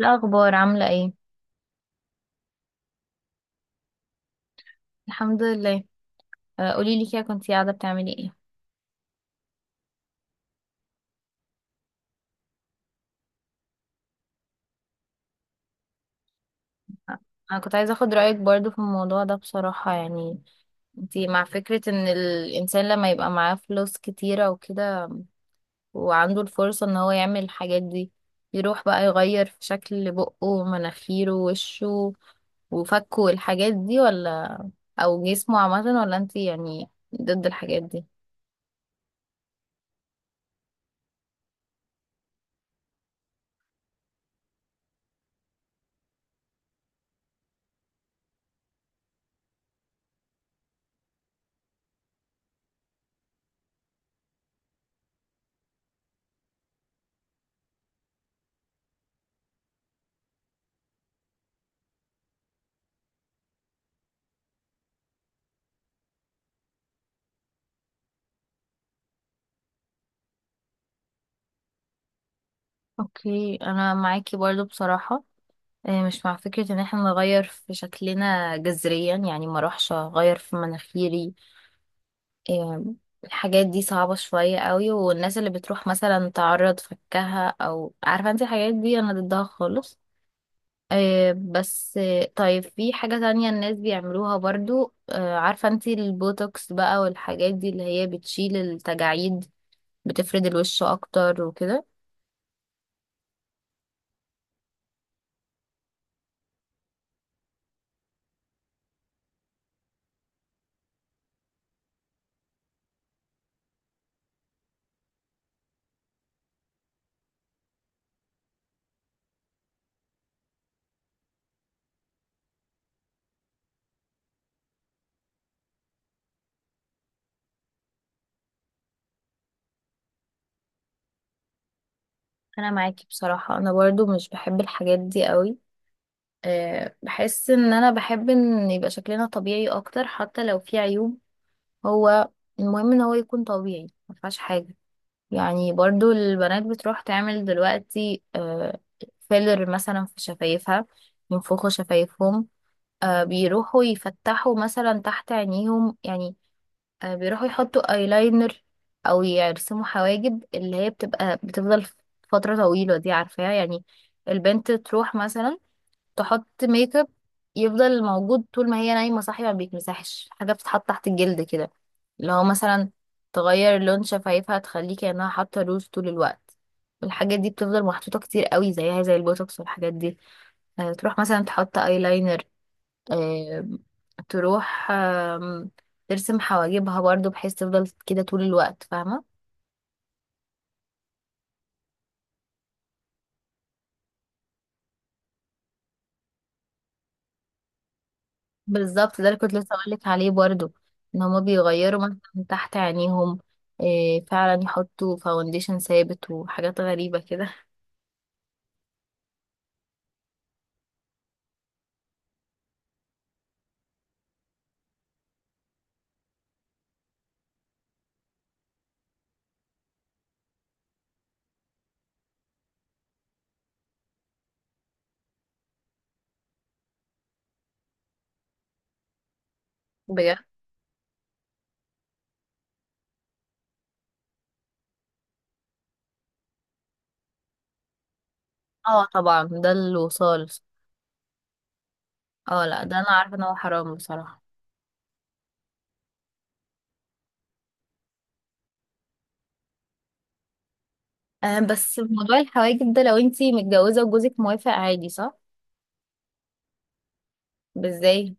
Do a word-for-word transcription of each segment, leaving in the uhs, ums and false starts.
الأخبار عاملة ايه؟ الحمد لله. آه، قوليلي كده كنتي قاعدة بتعملي ايه؟ آه، أنا كنت عايزة أخد رأيك برضو في الموضوع ده بصراحة. يعني انتي مع فكرة ان الإنسان لما يبقى معاه فلوس كتيرة وكده، وعنده الفرصة ان هو يعمل الحاجات دي، يروح بقى يغير في شكل بقه ومناخيره ووشه وفكه والحاجات دي، ولا أو جسمه عامة، ولا انتي يعني ضد الحاجات دي؟ اوكي، انا معاكي برضو بصراحة. آه، مش مع فكرة ان احنا نغير في شكلنا جذريا، يعني ما اروحش اغير في مناخيري. آه، الحاجات دي صعبة شوية قوي، والناس اللي بتروح مثلا تعرض فكها او عارفة انت الحاجات دي انا ضدها خالص. آه، بس آه، طيب في حاجة تانية الناس بيعملوها برضو، آه، عارفة انت البوتوكس بقى والحاجات دي اللي هي بتشيل التجاعيد، بتفرد الوش اكتر وكده. انا معاكي بصراحة، انا برضو مش بحب الحاجات دي قوي. آه، بحس ان انا بحب ان يبقى شكلنا طبيعي اكتر حتى لو في عيوب. هو المهم ان هو يكون طبيعي، ما فيهاش حاجه. يعني برضو البنات بتروح تعمل دلوقتي آه، فيلر مثلا في شفايفها، ينفخوا شفايفهم. آه، بيروحوا يفتحوا مثلا تحت عينيهم، يعني آه، بيروحوا يحطوا ايلاينر، او يرسموا حواجب اللي هي بتبقى بتفضل فتره طويله، دي عارفاها يعني. البنت تروح مثلا تحط ميك اب يفضل موجود طول ما هي نايمة صاحية، ما بيتمسحش. حاجة بتتحط تحت الجلد كده، اللي هو مثلا تغير لون شفايفها تخليه كأنها حاطة روج طول الوقت. والحاجات دي بتفضل محطوطة كتير قوي، زيها زي البوتوكس والحاجات دي. آه، تروح مثلا تحط ايلاينر، آه، تروح آم، ترسم حواجبها برضو بحيث تفضل كده طول الوقت، فاهمة. بالظبط، ده اللي كنت لسه اقولك عليه برضو، ان هما بيغيروا مثلا تحت عينيهم. إيه فعلا، يحطوا فاونديشن ثابت وحاجات غريبة كده. بجد. اه طبعا، ده الوصال. اه، لا، ده انا عارفة ان هو حرام بصراحة. آه بس موضوع الحواجب ده، لو انتي متجوزة وجوزك موافق عادي، صح؟ ازاي؟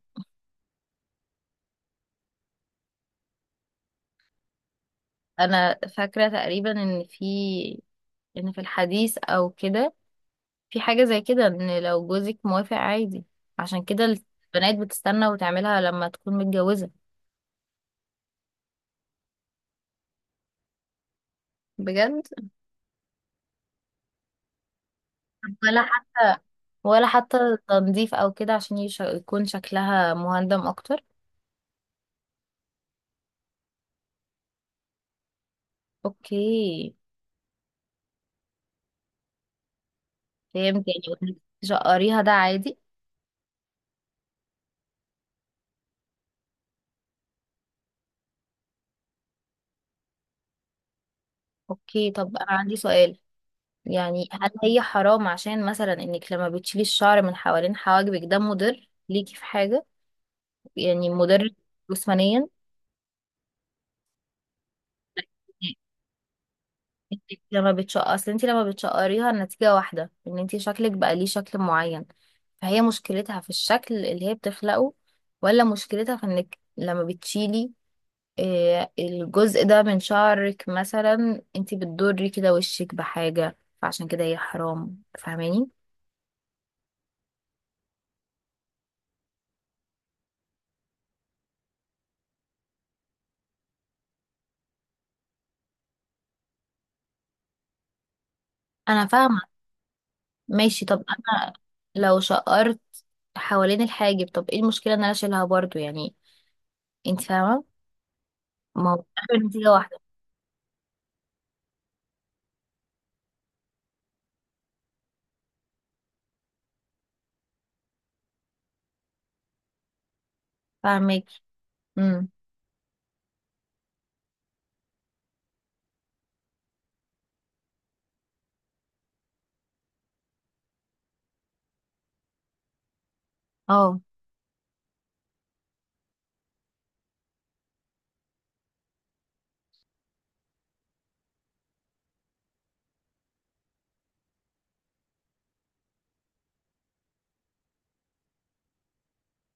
انا فاكرة تقريبا ان في ان في الحديث او كده، في حاجة زي كده ان لو جوزك موافق عادي، عشان كده البنات بتستنى وتعملها لما تكون متجوزة. بجد. ولا حتى ولا حتى تنظيف او كده، عشان يش- يكون شكلها مهندم اكتر. اوكي. فهمت، يعني وإنك تشقريها ده عادي. اوكي، طب انا عندي سؤال. يعني هل هي حرام عشان مثلا انك لما بتشيلي الشعر من حوالين حواجبك ده مضر ليكي في حاجة، يعني مضر جسمانيا؟ انت لما بتشقر، اصل انت لما بتشقريها النتيجة واحدة، ان انت شكلك بقى ليه شكل معين. فهي مشكلتها في الشكل اللي هي بتخلقه، ولا مشكلتها في انك لما بتشيلي آه، الجزء ده من شعرك مثلا، انت بتضري كده وشك بحاجة، فعشان كده هي حرام، فاهماني؟ انا فاهمة. ماشي، طب انا لو شقرت حوالين الحاجب، طب ايه المشكلة ان انا اشيلها برضو يعني؟ انت فاهمة، ما هو النتيجة واحدة. فاهمك. امم. اه،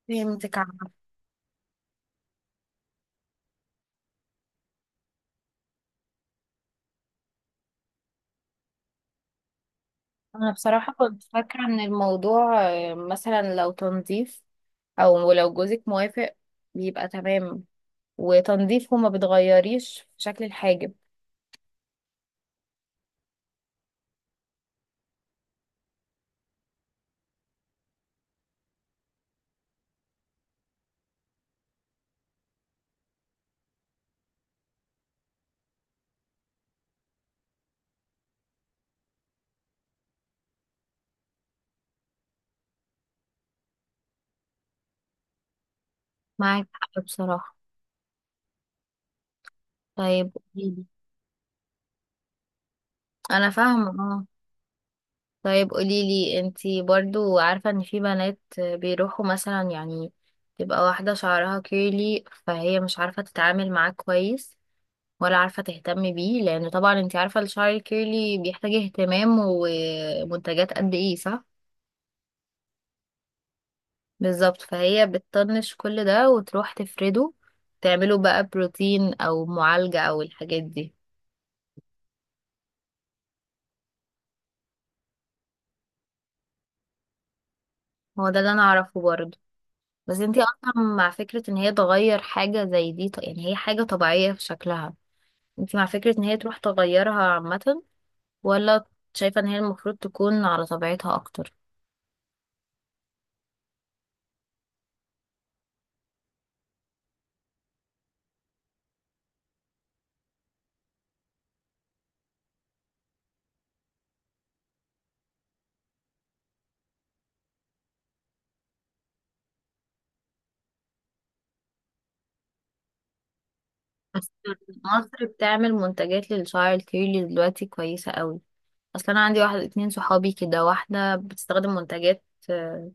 فهمتك عامة. انا بصراحة كنت فاكرة ان الموضوع آه، مثلا لو تنظيف، او لو جوزك موافق، بيبقى تمام. وتنظيف هما بتغيريش في شكل الحاجب. معاك حق بصراحة. طيب قوليلي. انا فاهمة، اه. طيب قوليلي انتي برضو، عارفة ان في بنات بيروحوا مثلا، يعني تبقى واحدة شعرها كيرلي فهي مش عارفة تتعامل معاه كويس، ولا عارفة تهتمي بيه، لأن طبعا انت عارفة الشعر الكيرلي بيحتاج اهتمام ومنتجات قد ايه، صح؟ بالظبط. فهي بتطنش كل ده وتروح تفرده، تعمله بقى بروتين أو معالجة أو الحاجات دي. هو ده اللي أنا أعرفه برضه. بس انت أصلا مع فكرة ان هي تغير حاجة زي دي، ط- يعني هي حاجة طبيعية في شكلها؟ انت مع فكرة ان هي تروح تغيرها عامة، ولا شايفة ان هي المفروض تكون على طبيعتها أكتر؟ بس مصر بتعمل منتجات للشعر الكيرلي دلوقتي كويسة قوي. اصل انا عندي واحد اتنين صحابي كده، واحدة بتستخدم منتجات آه،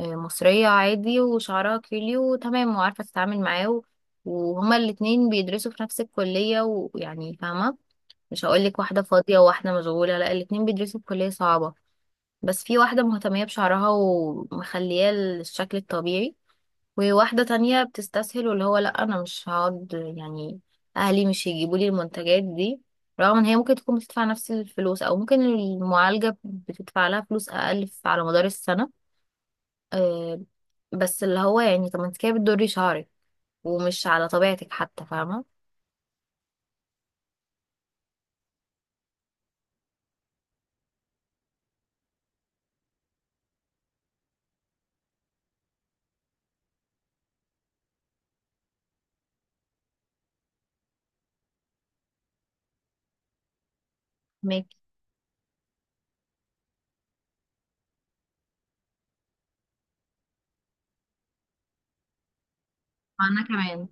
آه، مصرية عادي، وشعرها كيرلي وتمام وعارفة تتعامل معاه، و- وهما الاتنين بيدرسوا في نفس الكلية، ويعني فاهمة، مش هقولك واحدة فاضية وواحدة مشغولة، لا الاتنين بيدرسوا في كلية صعبة. بس في واحدة مهتمية بشعرها ومخلياه الشكل الطبيعي، وواحدة تانية بتستسهل، واللي هو لأ، أنا مش هقعد يعني، أهلي مش هيجيبوا لي المنتجات دي، رغم إن هي ممكن تكون بتدفع نفس الفلوس، أو ممكن المعالجة بتدفع لها فلوس أقل ف- على مدار السنة. أه، بس اللي هو يعني، طب ما انت كده بتضري شعرك، ومش على طبيعتك حتى، فاهمة. ماكي. أنا كمان.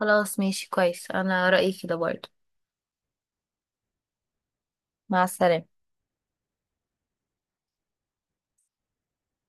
خلاص، ماشي كويس، أنا رأيي كده برضه. مع السلامة.